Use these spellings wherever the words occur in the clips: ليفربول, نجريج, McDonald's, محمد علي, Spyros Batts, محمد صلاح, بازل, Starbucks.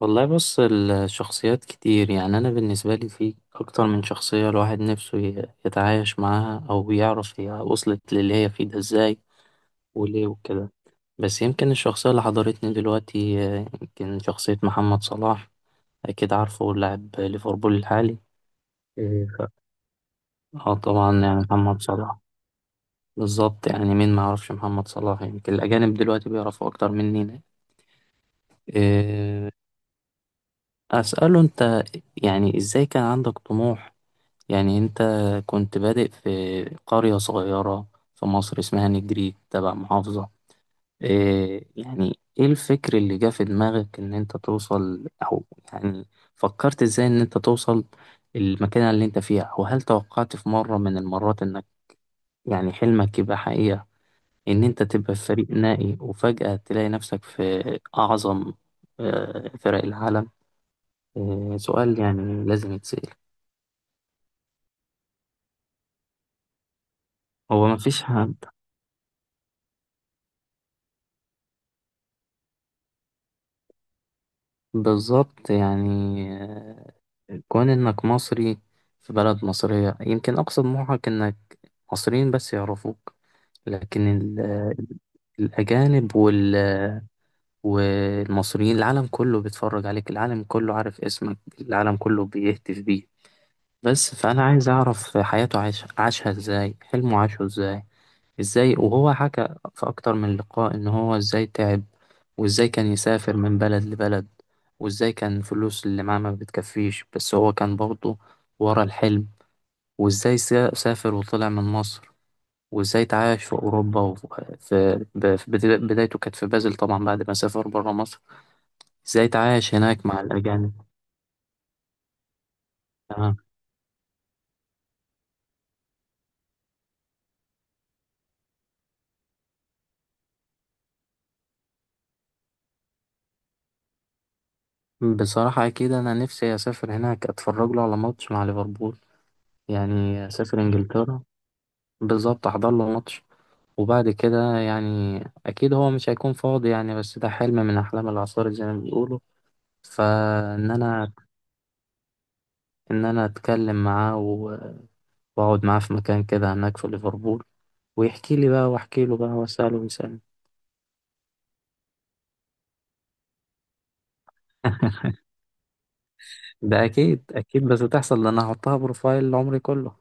والله، بص الشخصيات كتير. يعني أنا بالنسبة لي في أكتر من شخصية الواحد نفسه يتعايش معاها، أو يعرف هي وصلت للي هي فيه ده إزاي وليه وكده. بس يمكن الشخصية اللي حضرتني دلوقتي يمكن شخصية محمد صلاح. أكيد عارفه، لاعب ليفربول الحالي. إيه اه، طبعا يعني محمد صلاح. بالظبط، يعني مين ما يعرفش محمد صلاح؟ يمكن الأجانب دلوقتي بيعرفوا أكتر مننا. إيه، أسأله أنت، يعني إزاي كان عندك طموح. يعني أنت كنت بادئ في قرية صغيرة في مصر اسمها نجريج، تبع محافظة إيه. يعني إيه الفكر اللي جه في دماغك إن أنت توصل، أو يعني فكرت إزاي إن أنت توصل المكان اللي أنت فيها؟ وهل توقعت في مرة من المرات إنك يعني حلمك يبقى حقيقة، إن أنت تبقى في فريق نائي وفجأة تلاقي نفسك في أعظم فرق العالم؟ سؤال يعني لازم يتسأل. هو مفيش بالظبط، يعني كون انك مصري في بلد مصرية يمكن اقصى طموحك انك مصريين بس يعرفوك. لكن الاجانب والمصريين، العالم كله بيتفرج عليك، العالم كله عارف اسمك، العالم كله بيهتف بيه. بس فانا عايز اعرف حياته، عاشها ازاي، حلمه عاشه ازاي. ازاي، وهو حكى في اكتر من لقاء ان هو ازاي تعب، وازاي كان يسافر من بلد لبلد، وازاي كان الفلوس اللي معاه ما بتكفيش، بس هو كان برضه ورا الحلم. وازاي سافر وطلع من مصر، وازاي تعايش في اوروبا، وفي بدايته كانت في بازل، طبعا بعد ما سافر بره مصر. ازاي تعايش هناك مع الاجانب؟ تمام. بصراحة اكيد انا نفسي اسافر هناك، اتفرج له على ماتش مع ليفربول. يعني اسافر انجلترا، بالظبط احضر له ماتش. وبعد كده، يعني أكيد هو مش هيكون فاضي، يعني بس ده حلم من أحلام العصار زي ما بيقولوا. فإن أنا إن أنا أتكلم معاه وأقعد معاه في مكان كده هناك في ليفربول، ويحكي لي بقى وأحكي له بقى، وأسأله ويسألني. ده أكيد أكيد بس تحصل، لأن هحطها بروفايل عمري كله.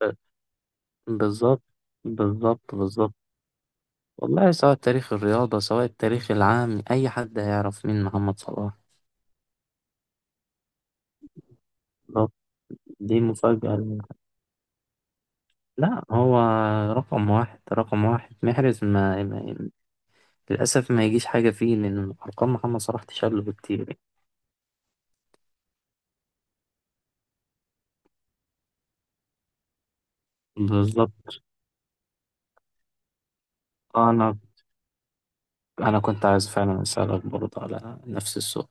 ب- بالظبط بالظبط بالظبط. والله، سواء تاريخ الرياضة سواء التاريخ العام، أي حد هيعرف مين محمد صلاح. بالظبط. دي مفاجأة؟ لا، هو رقم واحد، رقم واحد. محرز ما للأسف ما يجيش حاجة فيه، لأن أرقام محمد صلاح تشل بكتير يعني. بالظبط. أنا أنا كنت عايز فعلا أسألك برضه على نفس السؤال.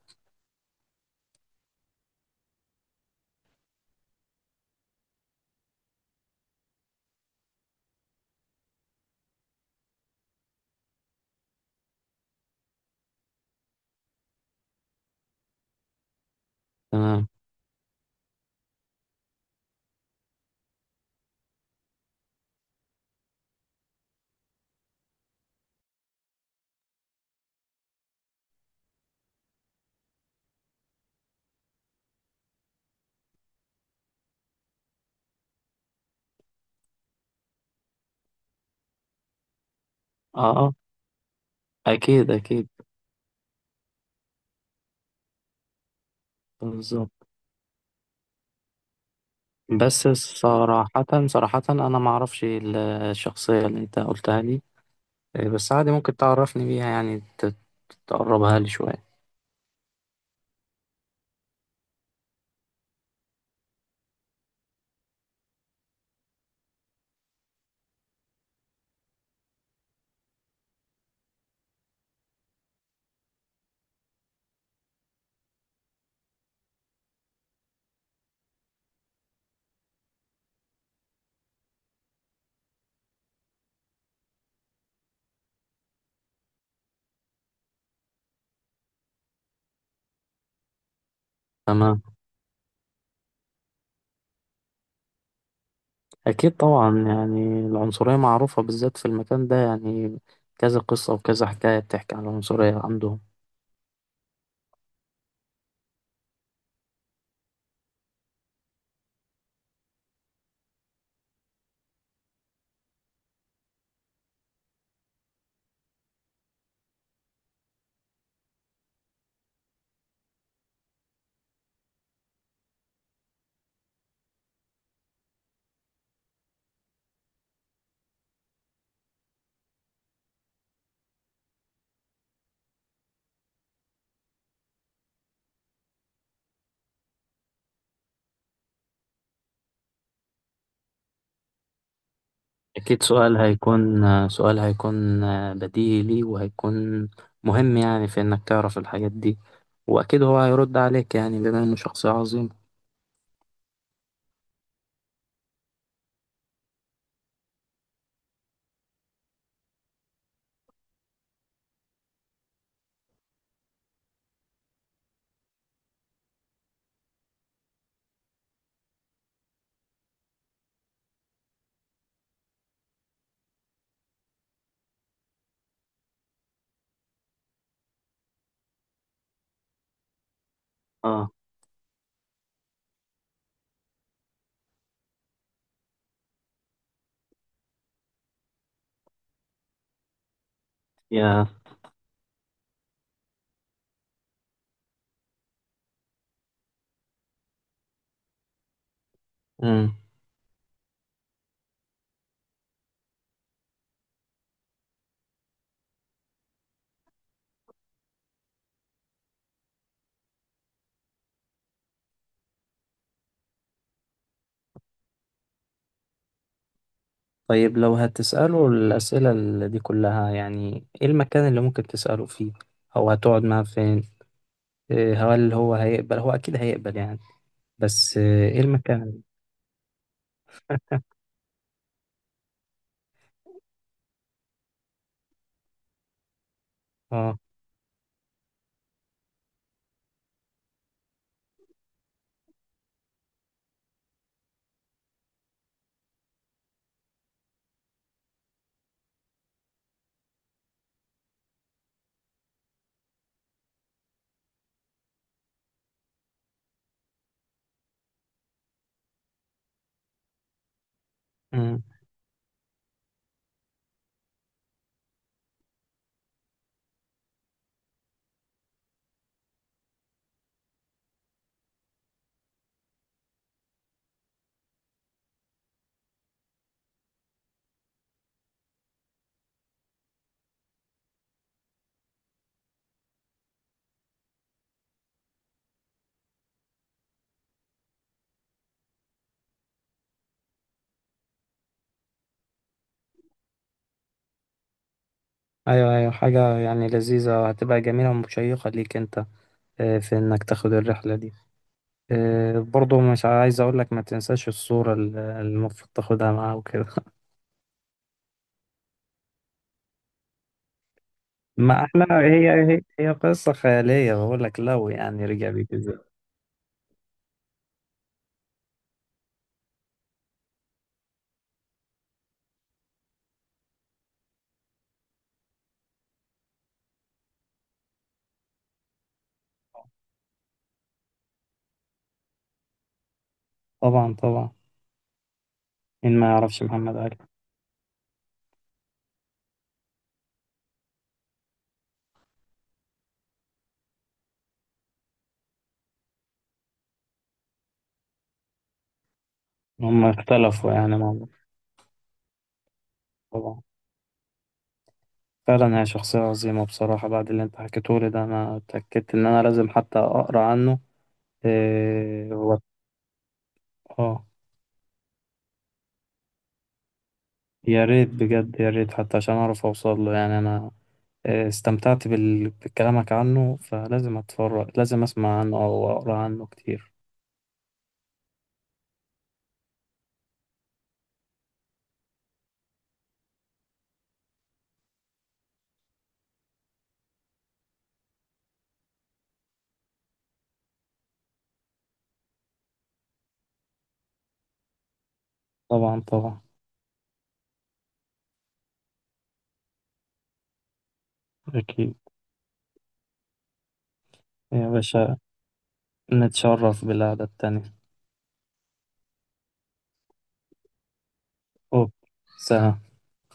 تمام. أه، أه، أكيد أكيد، بالظبط. بس صراحة صراحة أنا ما أعرفش الشخصية اللي أنت قلتها لي. بس عادي، ممكن تعرفني بيها يعني، تقربها لي شوية. تمام. أكيد طبعا، يعني العنصرية معروفة بالذات في المكان ده يعني. كذا قصة وكذا حكاية بتحكي عن العنصرية عندهم. أكيد سؤال هيكون، سؤال هيكون بديهي ليه، وهيكون مهم يعني، في إنك تعرف الحاجات دي. وأكيد هو هيرد عليك يعني، بما إنه شخص عظيم. آه. يا مم. طيب، لو هتسأله الأسئلة اللي دي كلها، يعني إيه المكان اللي ممكن تسأله فيه، أو هتقعد معاه فين؟ إيه، هل هو هيقبل؟ هو أكيد هيقبل يعني. بس ايه المكان. اه. مم. ايوه، ايوه، حاجة يعني لذيذة وهتبقى جميلة ومشيقة ليك انت، في انك تاخد الرحلة دي. برضو مش عايز اقول لك، ما تنساش الصورة المفروض تاخدها معاه وكده. ما احنا، هي قصة خيالية، بقول لك لو يعني رجع بيك ازاي. طبعا طبعا. مين ما يعرفش محمد علي؟ هم اختلفوا يعني مع بعض. طبعا. فعلا هي شخصية عظيمة بصراحة. بعد اللي انت حكيته لي ده، انا اتأكدت ان انا لازم حتى اقرا عنه. إيه هو؟ اه، يا ريت بجد، يا ريت، حتى عشان اعرف اوصل له يعني. انا استمتعت بكلامك عنه، فلازم اتفرج، لازم اسمع عنه او اقرا عنه كتير. طبعا طبعا. اكيد. يا باشا، نتشرف بالقعدة التانية. اوه. سلام.